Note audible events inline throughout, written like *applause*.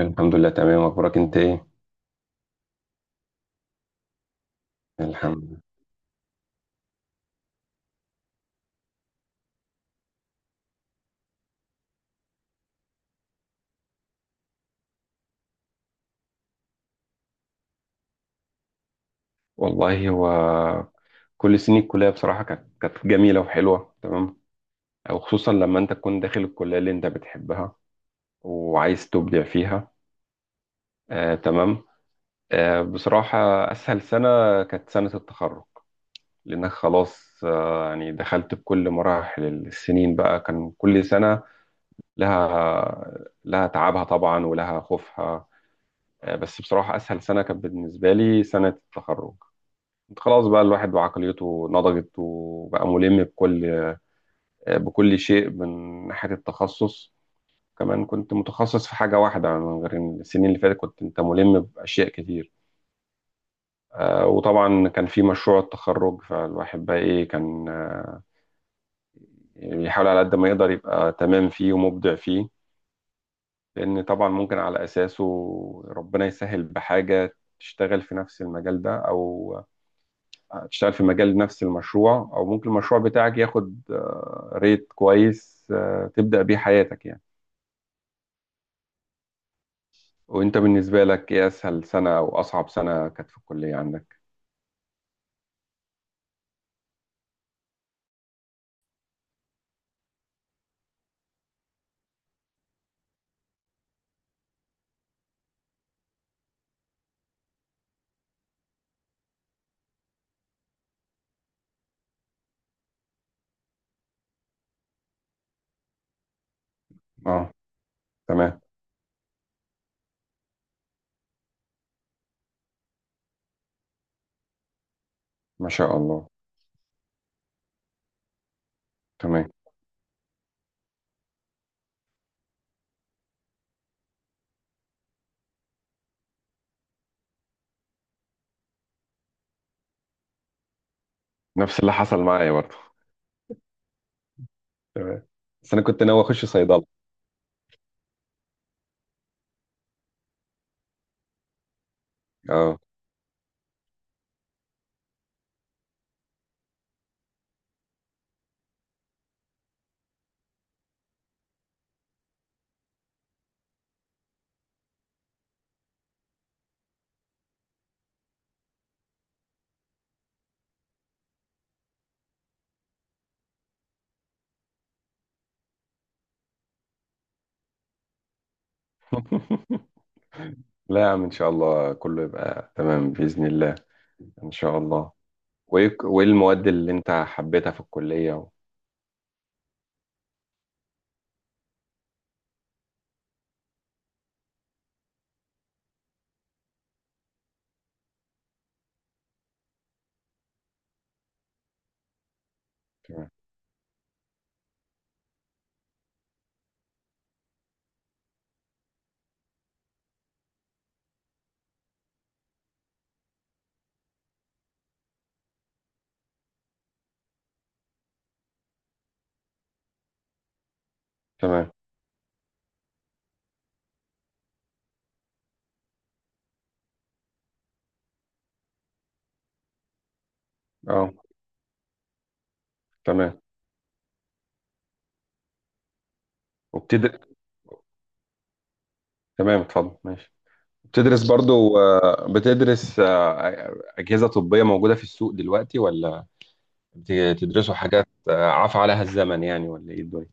الحمد لله، تمام. اخبارك انت ايه؟ الحمد لله. والله هو كل سنين الكليه بصراحه كانت جميله وحلوه تمام، او خصوصا لما انت تكون داخل الكليه اللي انت بتحبها وعايز تبدع فيها. آه، تمام. آه، بصراحه اسهل سنه كانت سنه التخرج، لانك خلاص يعني دخلت بكل مراحل السنين، بقى كان كل سنه لها تعبها طبعا ولها خوفها. آه، بس بصراحه اسهل سنه كانت بالنسبه لي سنه التخرج. خلاص بقى الواحد وعقليته نضجت، وبقى ملم بكل شيء من ناحية التخصص. كمان كنت متخصص في حاجة واحدة، من غير إن السنين اللي فاتت كنت انت ملم بأشياء كتير. وطبعا كان في مشروع التخرج، فالواحد بقى ايه كان بيحاول على قد ما يقدر يبقى تمام فيه ومبدع فيه، لأن طبعا ممكن على أساسه ربنا يسهل بحاجة تشتغل في نفس المجال ده، أو هتشتغل في مجال نفس المشروع، او ممكن المشروع بتاعك ياخد ريت كويس تبدأ بيه حياتك يعني. وانت بالنسبة لك ايه اسهل سنة او اصعب سنة كانت في الكلية عندك؟ اه، تمام. ما شاء الله. تمام. نفس اللي حصل معايا برضه. تمام. بس انا كنت ناوي اخش صيدلة. اه. لا يا عم، ان شاء الله كله يبقى تمام بإذن الله. ان شاء الله. وإيه المواد اللي انت حبيتها في الكلية و... تمام. تمام. اه. تمام. وبتدرس. تمام، اتفضل ماشي. بتدرس أجهزة طبية موجودة في السوق دلوقتي، ولا بتدرسوا حاجات عفى عليها الزمن يعني، ولا إيه الدنيا؟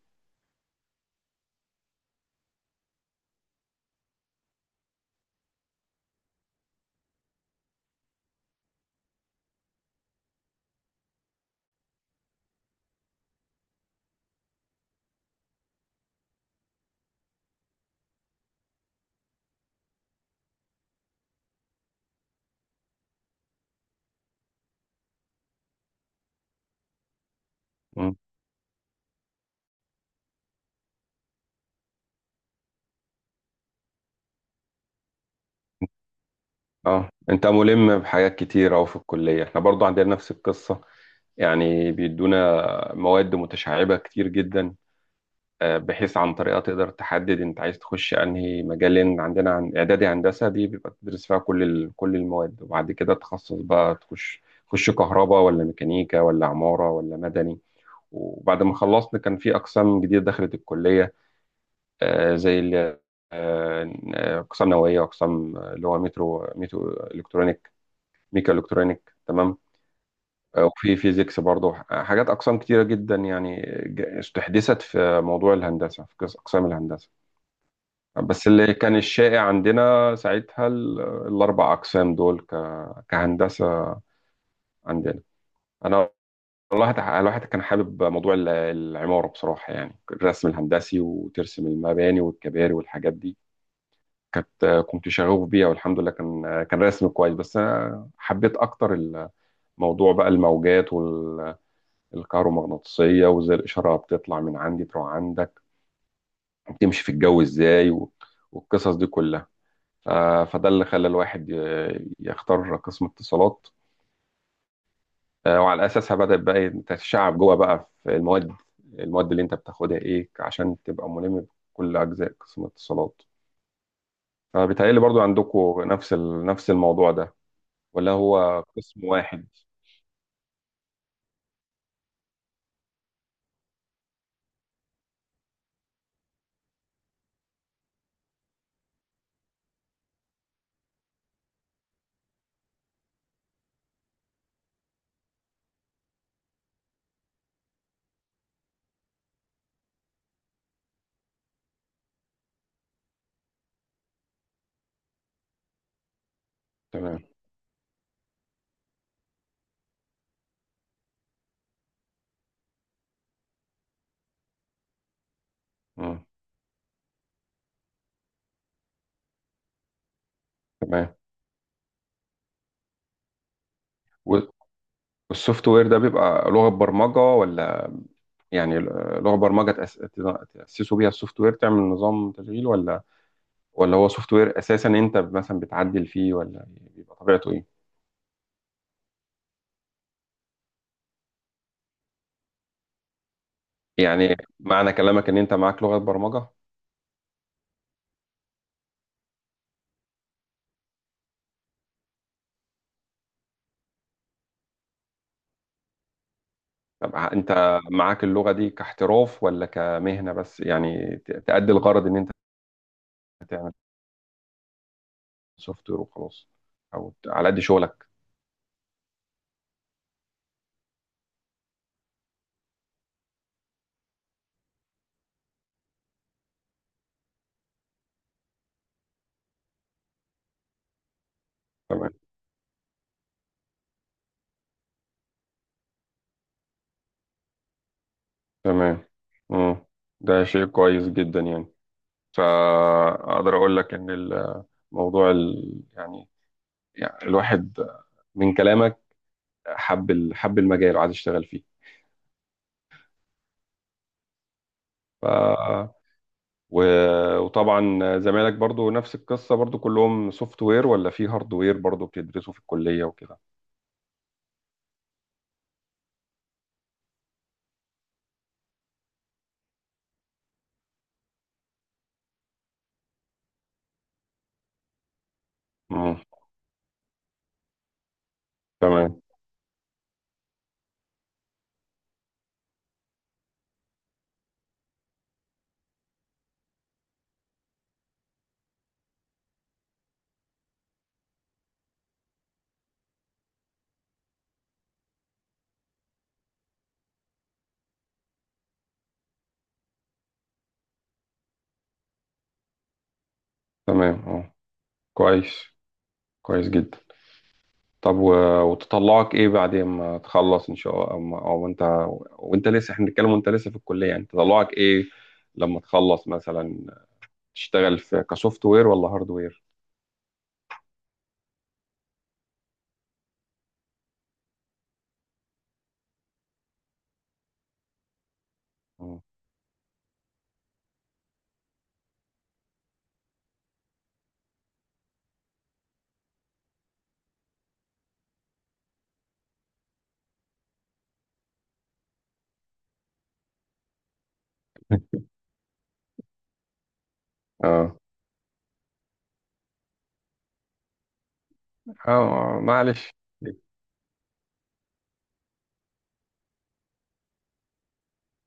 مم. اه، انت ملم بحاجات كتير. اهو في الكلية احنا برضو عندنا نفس القصة، يعني بيدونا مواد متشعبة كتير جدا، بحيث عن طريقها تقدر تحدد انت عايز تخش انهي مجال. لان عندنا، عن اعدادي هندسة، دي بيبقى تدرس فيها كل المواد، وبعد كده تخصص بقى تخش كهرباء ولا ميكانيكا ولا عمارة ولا مدني. وبعد ما خلصنا كان في أقسام جديدة دخلت الكلية، آه، زي ال- آه، أقسام نووية، وأقسام اللي هو مترو ميتو إلكترونيك ميكا إلكترونيك، تمام. وفي فيزيكس برضه حاجات، أقسام كتيرة جدا يعني استحدثت في موضوع الهندسة، في أقسام الهندسة. بس اللي كان الشائع عندنا ساعتها الأربع أقسام دول كهندسة عندنا. أنا والله الواحد كان حابب موضوع العمارة، بصراحة يعني الرسم الهندسي، وترسم المباني والكباري والحاجات دي. كنت شغوف بيها، والحمد لله كان رسم كويس. بس أنا حبيت أكتر الموضوع بقى الموجات والكهرومغناطيسية، وإزاي الإشارة بتطلع من عندي تروح عندك، وبتمشي في الجو إزاي، و- والقصص دي كلها. ف- فده اللي خلى الواحد يختار قسم اتصالات. وعلى اساسها بدات بقى تتشعب جوه بقى في المواد اللي انت بتاخدها ايه عشان تبقى ملم بكل اجزاء قسم اتصالات. فبيتهيألي برضو عندكم نفس الموضوع ده، ولا هو قسم واحد؟ تمام. مم. تمام. وال- والسوفت وير ده بيبقى لغة برمجة ولا يعني، لغة برمجة تأسسوا بيها السوفت وير تعمل نظام تشغيل، ولا ولا هو سوفت وير أساسا أنت مثلا بتعدل فيه، ولا بيبقى طبيعته إيه؟ يعني معنى كلامك إن أنت معاك لغة برمجة. طب انت معاك اللغة دي كاحتراف، ولا كمهنة بس يعني تأدي الغرض ان انت تعمل سوفت وير وخلاص، او على قد شغلك؟ تمام. تمام. مم. ده شيء كويس جدا يعني. فاقدر اقول لك ان الموضوع ال... يعني... يعني الواحد من كلامك حب حب المجال وعايز يشتغل فيه. ف... و... وطبعا زمايلك برضو نفس القصة، برضو كلهم سوفت وير، ولا في هارد وير برضو بتدرسوا في الكلية وكده؟ مم. تمام. تمام. اه. كويس، كويس جدا. طب و... وتطلعك ايه بعدين ما تخلص ان شاء الله، او، ما... أو انت، وانت لسه، احنا بنتكلم وانت لسه في الكليه، يعني تطلعك ايه لما تخلص مثلا؟ تشتغل في كسوفت وير ولا هارد وير؟ اه. *laughs* اه. معلش.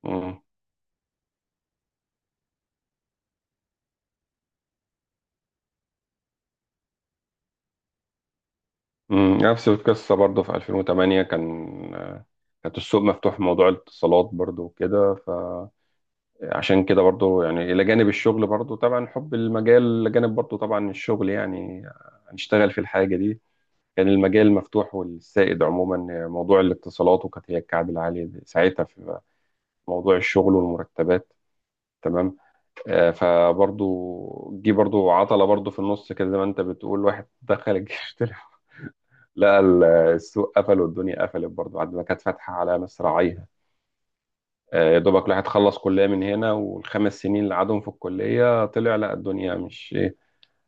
مم. مم. نفس القصه برضه في 2008 كانت السوق مفتوح في موضوع الاتصالات برضه وكده. عشان كده برضو يعني، إلى جانب الشغل، برضو طبعا حب المجال، إلى جانب برضو طبعا الشغل يعني هنشتغل في الحاجة دي. كان المجال مفتوح، والسائد عموما موضوع الاتصالات، وكانت هي الكعب العالي ساعتها في موضوع الشغل والمرتبات. تمام. فبرضو جه برضو عطلة برضو في النص كده، زي ما انت بتقول، واحد دخل الجيش طلع *laughs* لقى السوق قفل والدنيا قفلت برضو، بعد ما كانت فاتحة على مصراعيها. يا دوبك الواحد خلص كلية من هنا، والخمس سنين اللي قعدهم في الكلية طلع لا الدنيا مش إيه.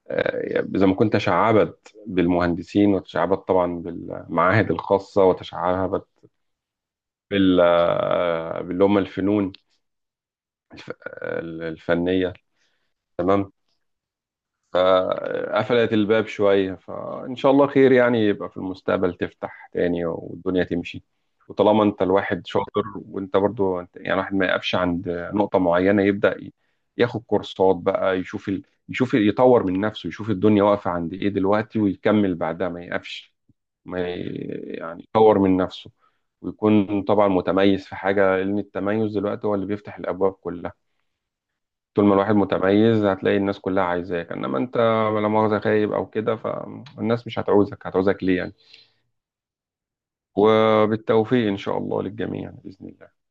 زي ما كنت تشعبت بالمهندسين، وتشعبت طبعا بالمعاهد الخاصة، وتشعبت باللي هم الفنون، الفنية. تمام. فقفلت الباب شوية، فإن شاء الله خير، يعني يبقى في المستقبل تفتح تاني والدنيا تمشي. وطالما أنت الواحد شاطر، وأنت برضو أنت- يعني الواحد ما يقفش عند نقطة معينة، يبدأ ياخد كورسات بقى، يشوف ال... يشوف يطور من نفسه، يشوف الدنيا واقفة عند إيه دلوقتي، ويكمل بعدها ما يقفش، ما ي... يعني يطور من نفسه، ويكون طبعا متميز في حاجة، لأن التميز دلوقتي هو اللي بيفتح الأبواب كلها. طول ما الواحد متميز هتلاقي الناس كلها عايزاك، انما انت لا مؤاخذة خايب او كده، فالناس مش هتعوزك، هتعوزك ليه يعني؟ وبالتوفيق ان شاء الله للجميع بإذن الله.